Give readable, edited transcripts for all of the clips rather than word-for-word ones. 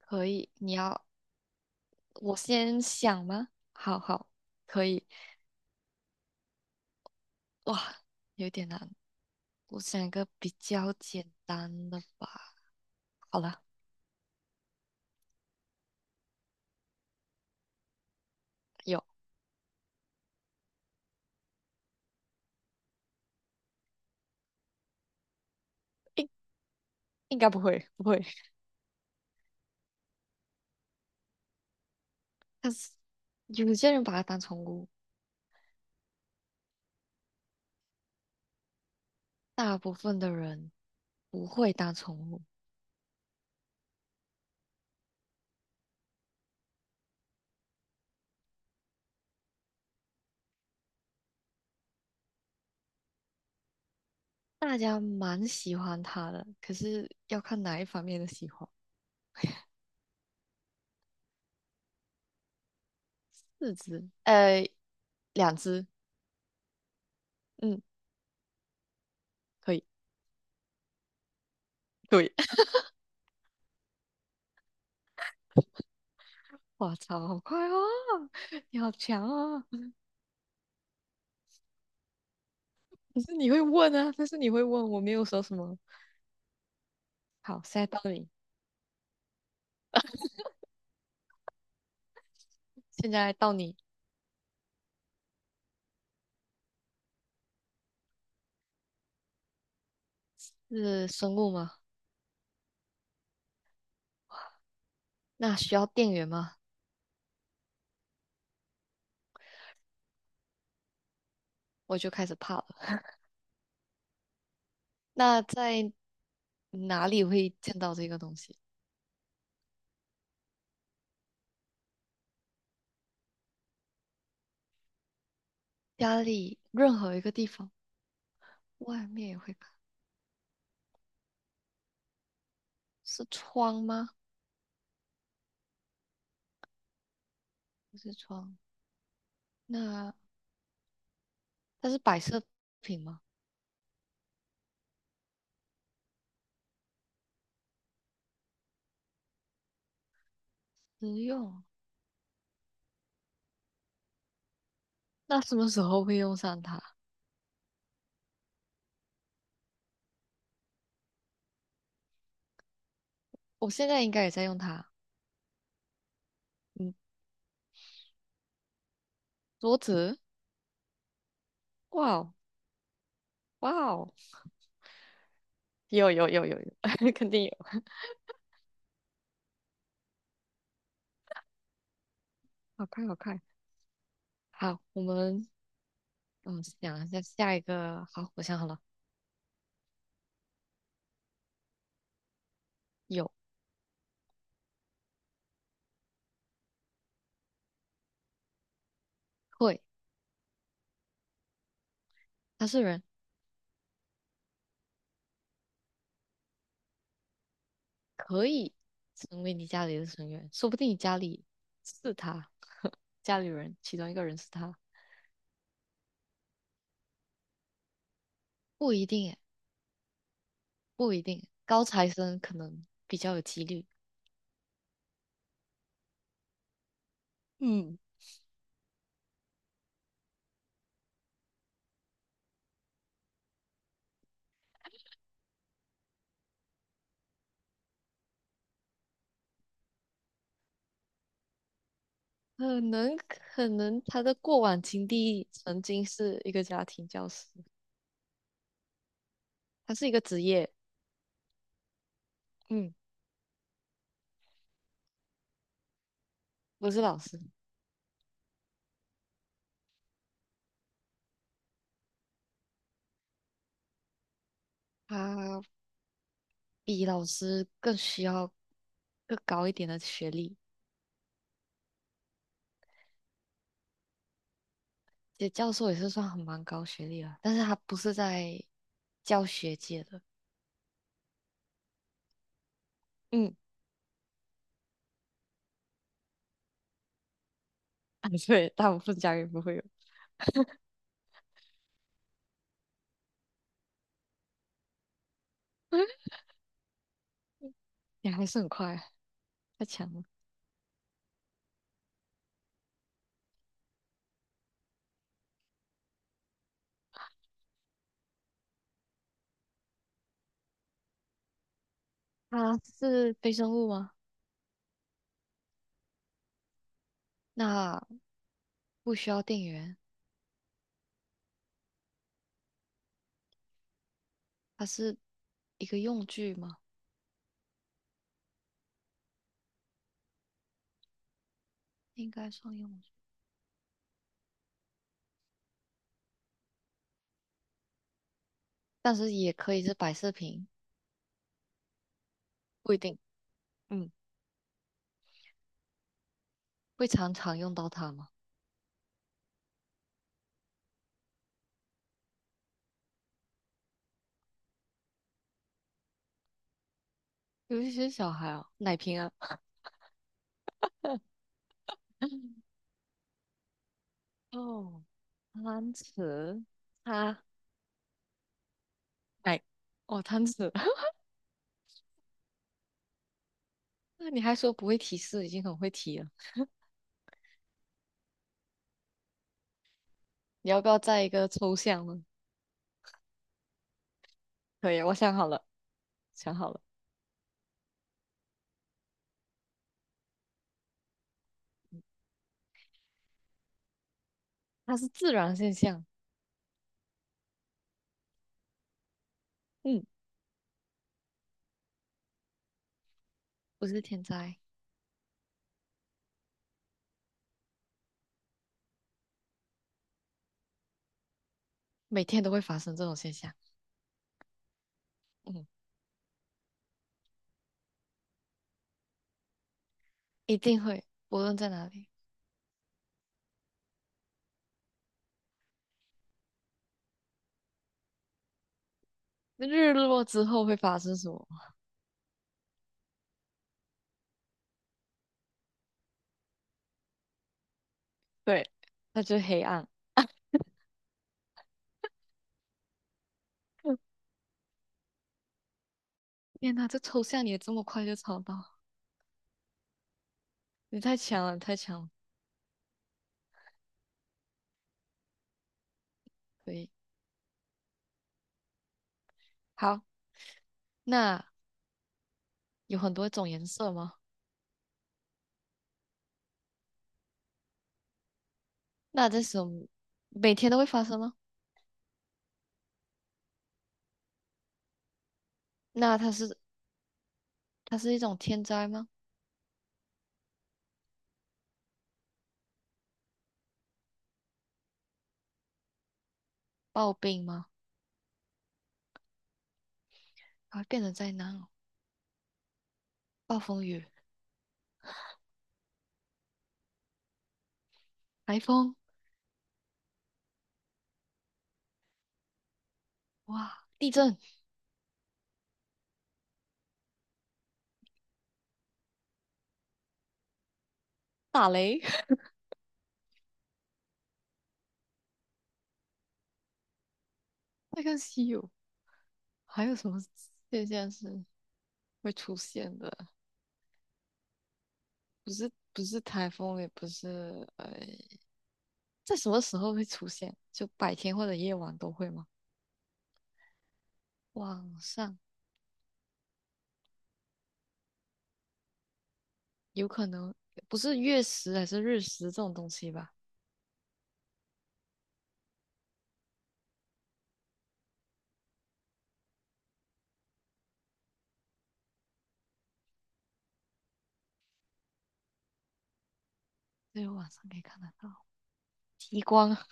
可以，你要我先想吗？好，可以。哇，有点难，我想一个比较简单的吧。好了，有，应应该不会，不会。但是有些人把它当宠物，大部分的人不会当宠物，大家蛮喜欢它的，可是要看哪一方面的喜欢。四只，两只，嗯，可以，对。哇操，好快哦！你好强哦！可是你会问啊，但是你会问，我没有说什么。好，现在到你是生物吗？那需要电源吗？我就开始怕了。那在哪里会见到这个东西？家里任何一个地方，外面也会看。是窗吗？不是窗。那它是摆设品吗？实用。那什么时候会用上它？我现在应该也在用它。嗯，桌子。哇哦，哇哦，有有有有有，肯定有，好快好快。好，我们想一下下一个。好，我想好了，有会，他是人，可以成为你家里的成员，说不定你家里是他，家里人其中一个人是他，不一定诶，不一定，高材生可能比较有几率。嗯，可能他的过往经历曾经是一个家庭教师，他是一个职业，嗯，不是老师。他比老师更需要更高一点的学历。其教授也是算很蛮高学历了，但是他不是在教学界的。嗯，啊，对，大部分家人不会有，你还是很快，太强了。他是非生物吗？那不需要电源，它是一个用具吗？应该算用具，但是也可以是摆饰品，不一定。嗯，会常常用到它吗？尤其是小孩啊，奶瓶啊。哦，贪吃，它，哎，哦，贪吃，那你还说不会提示，已经很会提了。你要不要再一个抽象呢？可以，我想好了，想好了，它是自然现象，嗯，不是天灾，每天都会发生这种现象，嗯，一定会，无论在哪里。日落之后会发生什么？对，它就是黑暗。嗯天哪，这抽象你也这么快就抄到，你太强了，你太强了。可以，好，那有很多种颜色吗？那这种每天都会发生吗？那它是它是一种天灾吗？暴病吗？它会变成灾难哦，暴风雨、台风，哇，地震、打雷，那更稀有。还有什么现象是会出现的？不是不是台风，也不是在什么时候会出现？就白天或者夜晚都会吗？晚上有可能，不是月食还是日食这种东西吧？只有晚上可以看得到极光啊，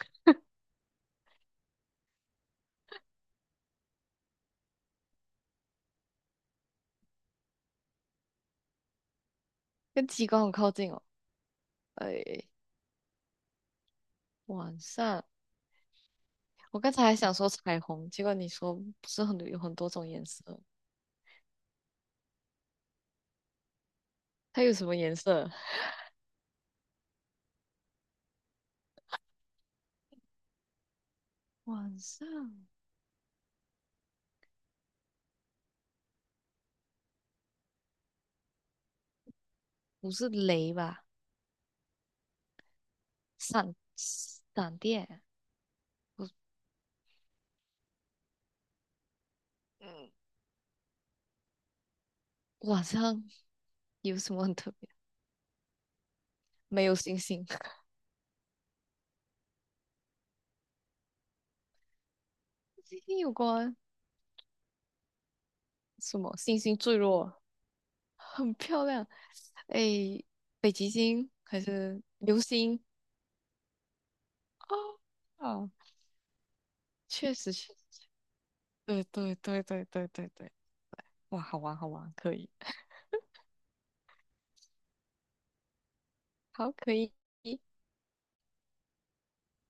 跟极光很靠近哦。哎，晚上，我刚才还想说彩虹，结果你说不是很多有很多种颜色，它有什么颜色？晚上不是雷吧？闪电？不，嗯，晚上有什么很特别？没有星星，星星有关 什么？星星坠落，很漂亮。哎，北极星还是流星？啊啊，确实确实，对对对对对对对，哇，好玩好玩，可以，好可以。